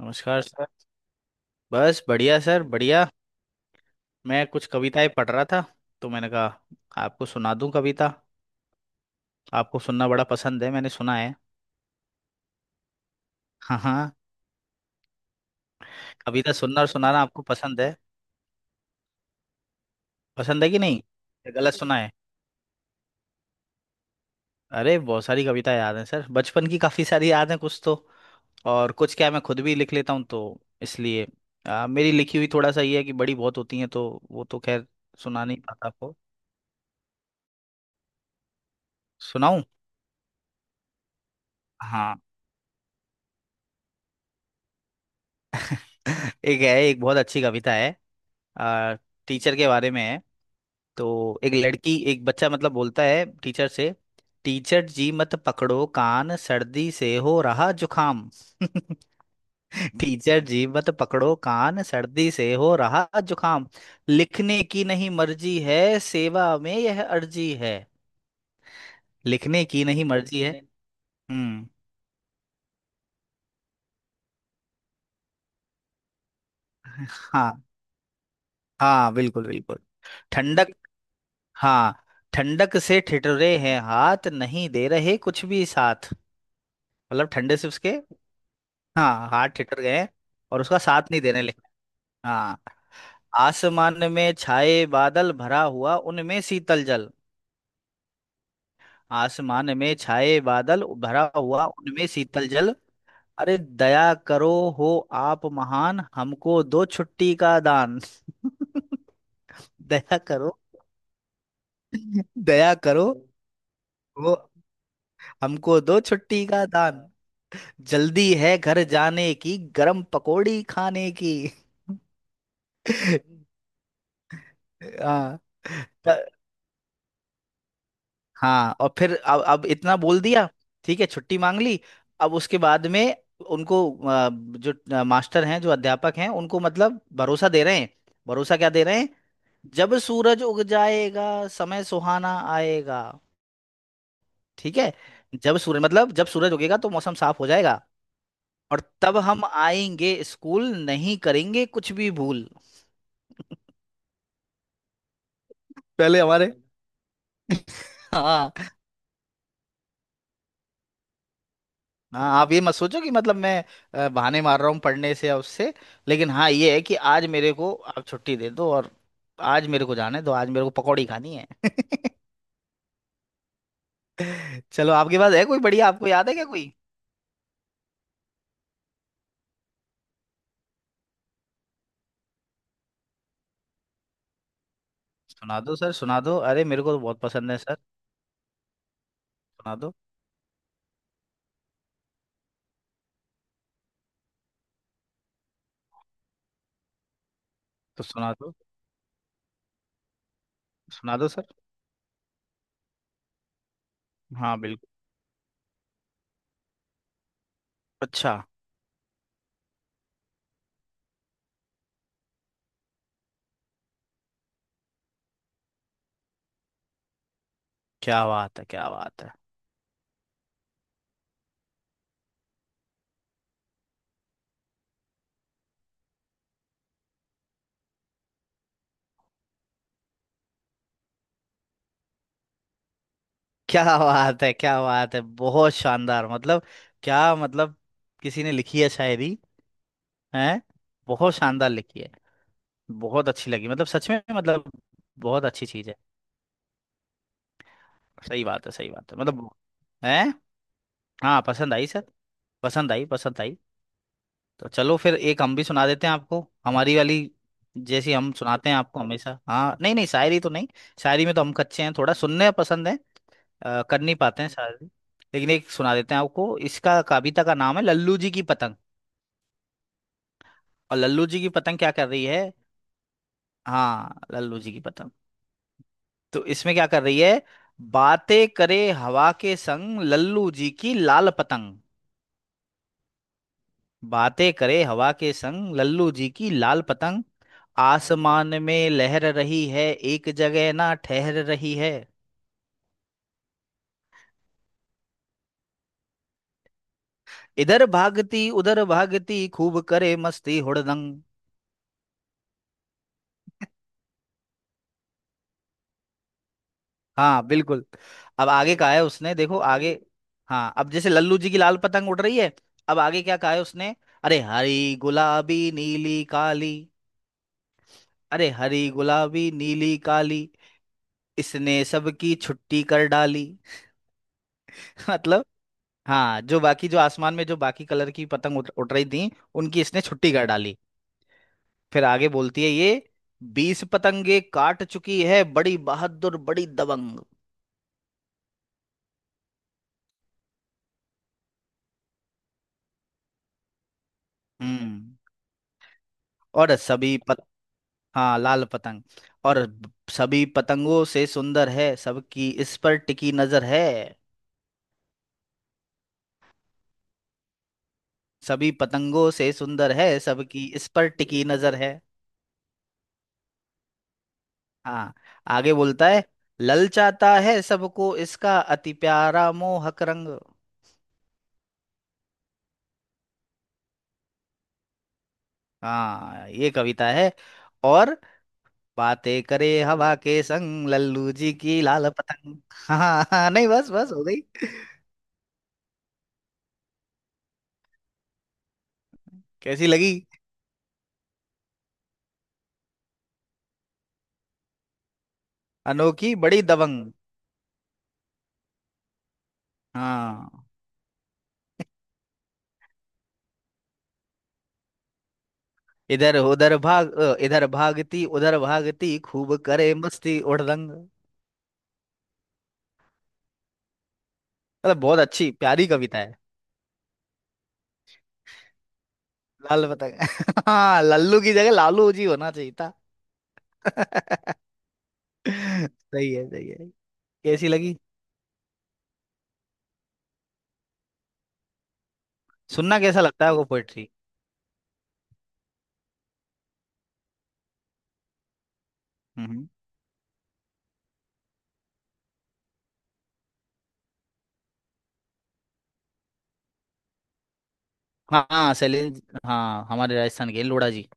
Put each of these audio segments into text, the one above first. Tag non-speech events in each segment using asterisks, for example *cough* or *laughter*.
नमस्कार सर। बस बढ़िया सर बढ़िया। मैं कुछ कविताएं पढ़ रहा था, तो मैंने कहा आपको सुना दूं कविता। आपको सुनना बड़ा पसंद है मैंने सुना है। हाँ हाँ। कविता सुनना और सुनाना आपको पसंद है? पसंद है कि नहीं, या गलत सुना है? अरे बहुत सारी कविता याद हैं सर, बचपन की काफ़ी सारी याद हैं कुछ तो। और कुछ क्या है, मैं खुद भी लिख लेता हूँ तो इसलिए मेरी लिखी हुई थोड़ा सा ये है कि बड़ी बहुत होती हैं, तो वो तो खैर सुना नहीं पाता आपको। सुनाऊं? हाँ एक है, एक बहुत अच्छी कविता है। आ, टीचर के बारे में है। तो एक लड़की, एक बच्चा मतलब बोलता है टीचर से। टीचर जी मत पकड़ो कान, सर्दी से हो रहा जुकाम। *laughs* टीचर जी मत पकड़ो कान, सर्दी से हो रहा जुकाम। लिखने की नहीं मर्जी है, सेवा में यह अर्जी है। लिखने की नहीं मर्जी है। हम्म। हाँ हाँ, बिल्कुल बिल्कुल। ठंडक। हाँ ठंडक से ठिठुरे हैं हाथ, नहीं दे रहे कुछ भी साथ। मतलब ठंडे से उसके। हाँ हाथ ठिठुर गए हैं और उसका साथ नहीं देने लगे। हाँ। आसमान में छाए बादल, भरा हुआ उनमें शीतल जल। आसमान में छाए बादल, भरा हुआ उनमें शीतल जल। अरे दया करो, हो आप महान, हमको दो छुट्टी का दान। *laughs* दया करो, दया करो, हो हमको दो छुट्टी का दान। जल्दी है घर जाने की, गरम पकोड़ी खाने की। *laughs* हाँ। त- हाँ और फिर अब इतना बोल दिया। ठीक है छुट्टी मांग ली। अब उसके बाद में उनको जो मास्टर हैं, जो अध्यापक हैं उनको मतलब भरोसा दे रहे हैं। भरोसा क्या दे रहे हैं? जब सूरज उग जाएगा, समय सुहाना आएगा। ठीक है। जब सूरज मतलब जब सूरज उगेगा तो मौसम साफ हो जाएगा। और तब हम आएंगे स्कूल, नहीं करेंगे कुछ भी भूल। पहले हमारे *laughs* हाँ हाँ, आप ये मत सोचो कि मतलब मैं बहाने मार रहा हूँ पढ़ने से या उससे। लेकिन हाँ, ये है कि आज मेरे को आप छुट्टी दे दो, और आज मेरे को जाना है, तो आज मेरे को पकौड़ी खानी है। *laughs* चलो आपके पास है कोई बढ़िया, आपको याद है क्या कोई? सुना दो सर, सुना दो, अरे मेरे को तो बहुत पसंद है सर। सुना दो। तो सुना दो। सुना दो सर। हाँ बिल्कुल। अच्छा। क्या बात है, क्या बात है। क्या बात है, क्या बात है, बहुत शानदार मतलब। क्या मतलब। किसी ने लिखी है शायरी? है। बहुत शानदार लिखी है। बहुत अच्छी लगी मतलब, सच में मतलब बहुत अच्छी चीज़ है। सही बात है, सही बात है मतलब। है। हाँ पसंद आई सर, पसंद आई पसंद आई। तो चलो फिर एक हम भी सुना देते हैं आपको हमारी वाली। जैसी हम सुनाते हैं आपको हमेशा, हाँ नहीं नहीं शायरी तो नहीं। शायरी में तो हम कच्चे हैं, थोड़ा सुनने पसंद है। कर नहीं पाते हैं शायरी। लेकिन एक सुना देते हैं आपको। इसका, कविता का नाम है लल्लू जी की पतंग। और लल्लू जी की पतंग क्या कर रही है? हाँ लल्लू जी की पतंग। तो इसमें क्या कर रही है? बातें करे हवा के संग लल्लू जी की लाल पतंग। बातें करे हवा के संग लल्लू जी की लाल पतंग। आसमान में लहर रही है, एक जगह ना ठहर रही है। इधर भागती उधर भागती, खूब करे मस्ती हुड़दंग। हाँ बिल्कुल। अब आगे कहा है उसने, देखो आगे। हाँ अब जैसे लल्लू जी की लाल पतंग उड़ रही है। अब आगे क्या कहा है उसने? अरे हरी गुलाबी नीली काली, अरे हरी गुलाबी नीली काली, इसने सबकी छुट्टी कर डाली। *laughs* मतलब हाँ, जो बाकी, जो आसमान में जो बाकी कलर की पतंग उड़ उड़ रही थी, उनकी इसने छुट्टी कर डाली। फिर आगे बोलती है ये। 20 पतंगे काट चुकी है, बड़ी बहादुर बड़ी दबंग। हम्म और सभी पत, हाँ लाल पतंग। और सभी पतंगों से सुंदर है, सबकी इस पर टिकी नजर है। सभी पतंगों से सुंदर है, सबकी इस पर टिकी नजर है। हाँ आगे बोलता है, ललचाता है सबको इसका अति प्यारा मोहक रंग। हाँ ये कविता है। और बातें करे हवा के संग लल्लू जी की लाल पतंग। हाँ हाँ, नहीं बस बस हो गई। कैसी लगी? अनोखी बड़ी दबंग। हाँ इधर भागती उधर भागती, खूब करे मस्ती उड़दंग। मतलब बहुत अच्छी प्यारी कविता है। लाल पतंग। *laughs* हाँ लल्लू की जगह लालू जी होना चाहिए था। *laughs* सही है सही है। कैसी लगी? सुनना कैसा लगता है आपको पोएट्री? हम्म। हाँ हाँ शैलेंद्र, हाँ हमारे राजस्थान के लोढ़ा जी।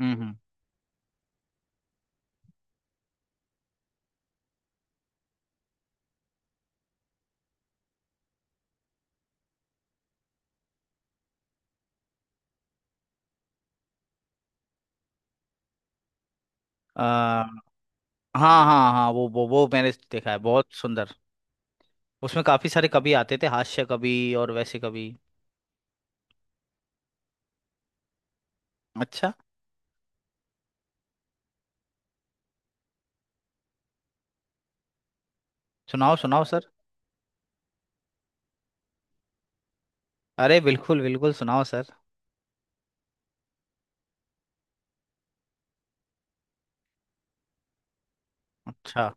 हम्म। आ, हाँ हाँ हाँ वो वो मैंने देखा है, बहुत सुंदर। उसमें काफी सारे कवि आते थे, हास्य कवि और वैसे कवि। अच्छा। सुनाओ सुनाओ सर। अरे बिल्कुल बिल्कुल सुनाओ सर। अच्छा।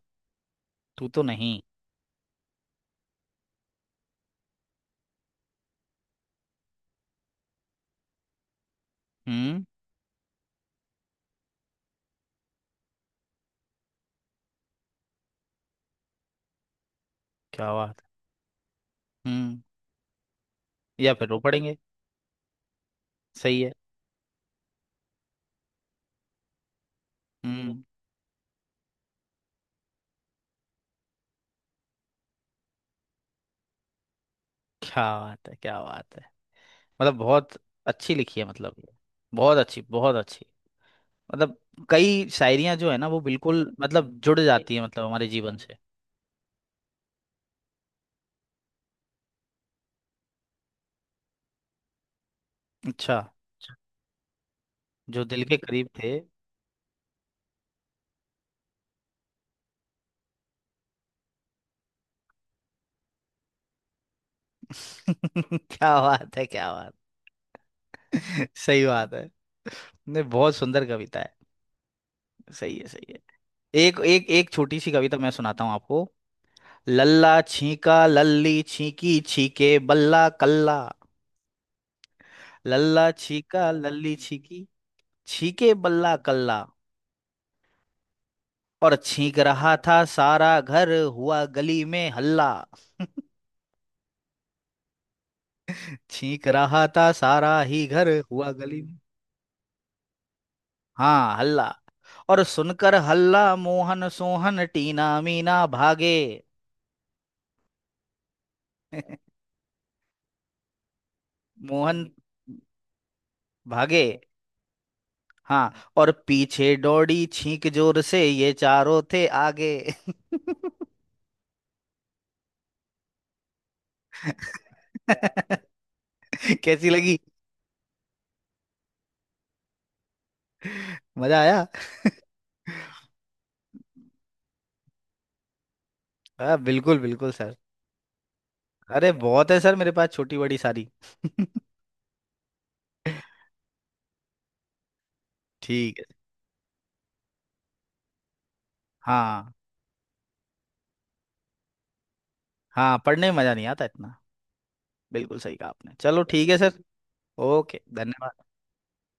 तू तो नहीं। हम्म। क्या बात है। हम्म। या फिर रो पड़ेंगे। सही है। हम्म। क्या बात है, क्या बात है, मतलब बहुत अच्छी लिखी है मतलब। बहुत अच्छी मतलब। कई शायरियां जो है ना वो बिल्कुल मतलब जुड़ जाती है मतलब हमारे जीवन से। अच्छा। जो दिल के करीब थे। *laughs* क्या बात है, क्या बात। सही बात है, नहीं बहुत सुंदर कविता है। सही है सही है। एक एक एक छोटी सी कविता मैं सुनाता हूँ आपको। लल्ला छीका लल्ली छीकी छीके बल्ला कल्ला। लल्ला छीका लल्ली छीकी छीके बल्ला कल्ला। और छींक रहा था सारा घर, हुआ गली में हल्ला। छींक रहा था सारा ही घर, हुआ गली में, हाँ, हल्ला। और सुनकर हल्ला मोहन सोहन टीना मीना भागे। *laughs* मोहन भागे। हाँ और पीछे दौड़ी छींक, जोर से ये चारों थे आगे। *laughs* कैसी लगी? मजा आया। हाँ बिल्कुल बिल्कुल सर। अरे बहुत है सर मेरे पास, छोटी बड़ी सारी। *laughs* ठीक है। हाँ हाँ पढ़ने में मज़ा नहीं आता इतना। बिल्कुल सही कहा आपने, चलो ठीक है सर। ओके धन्यवाद।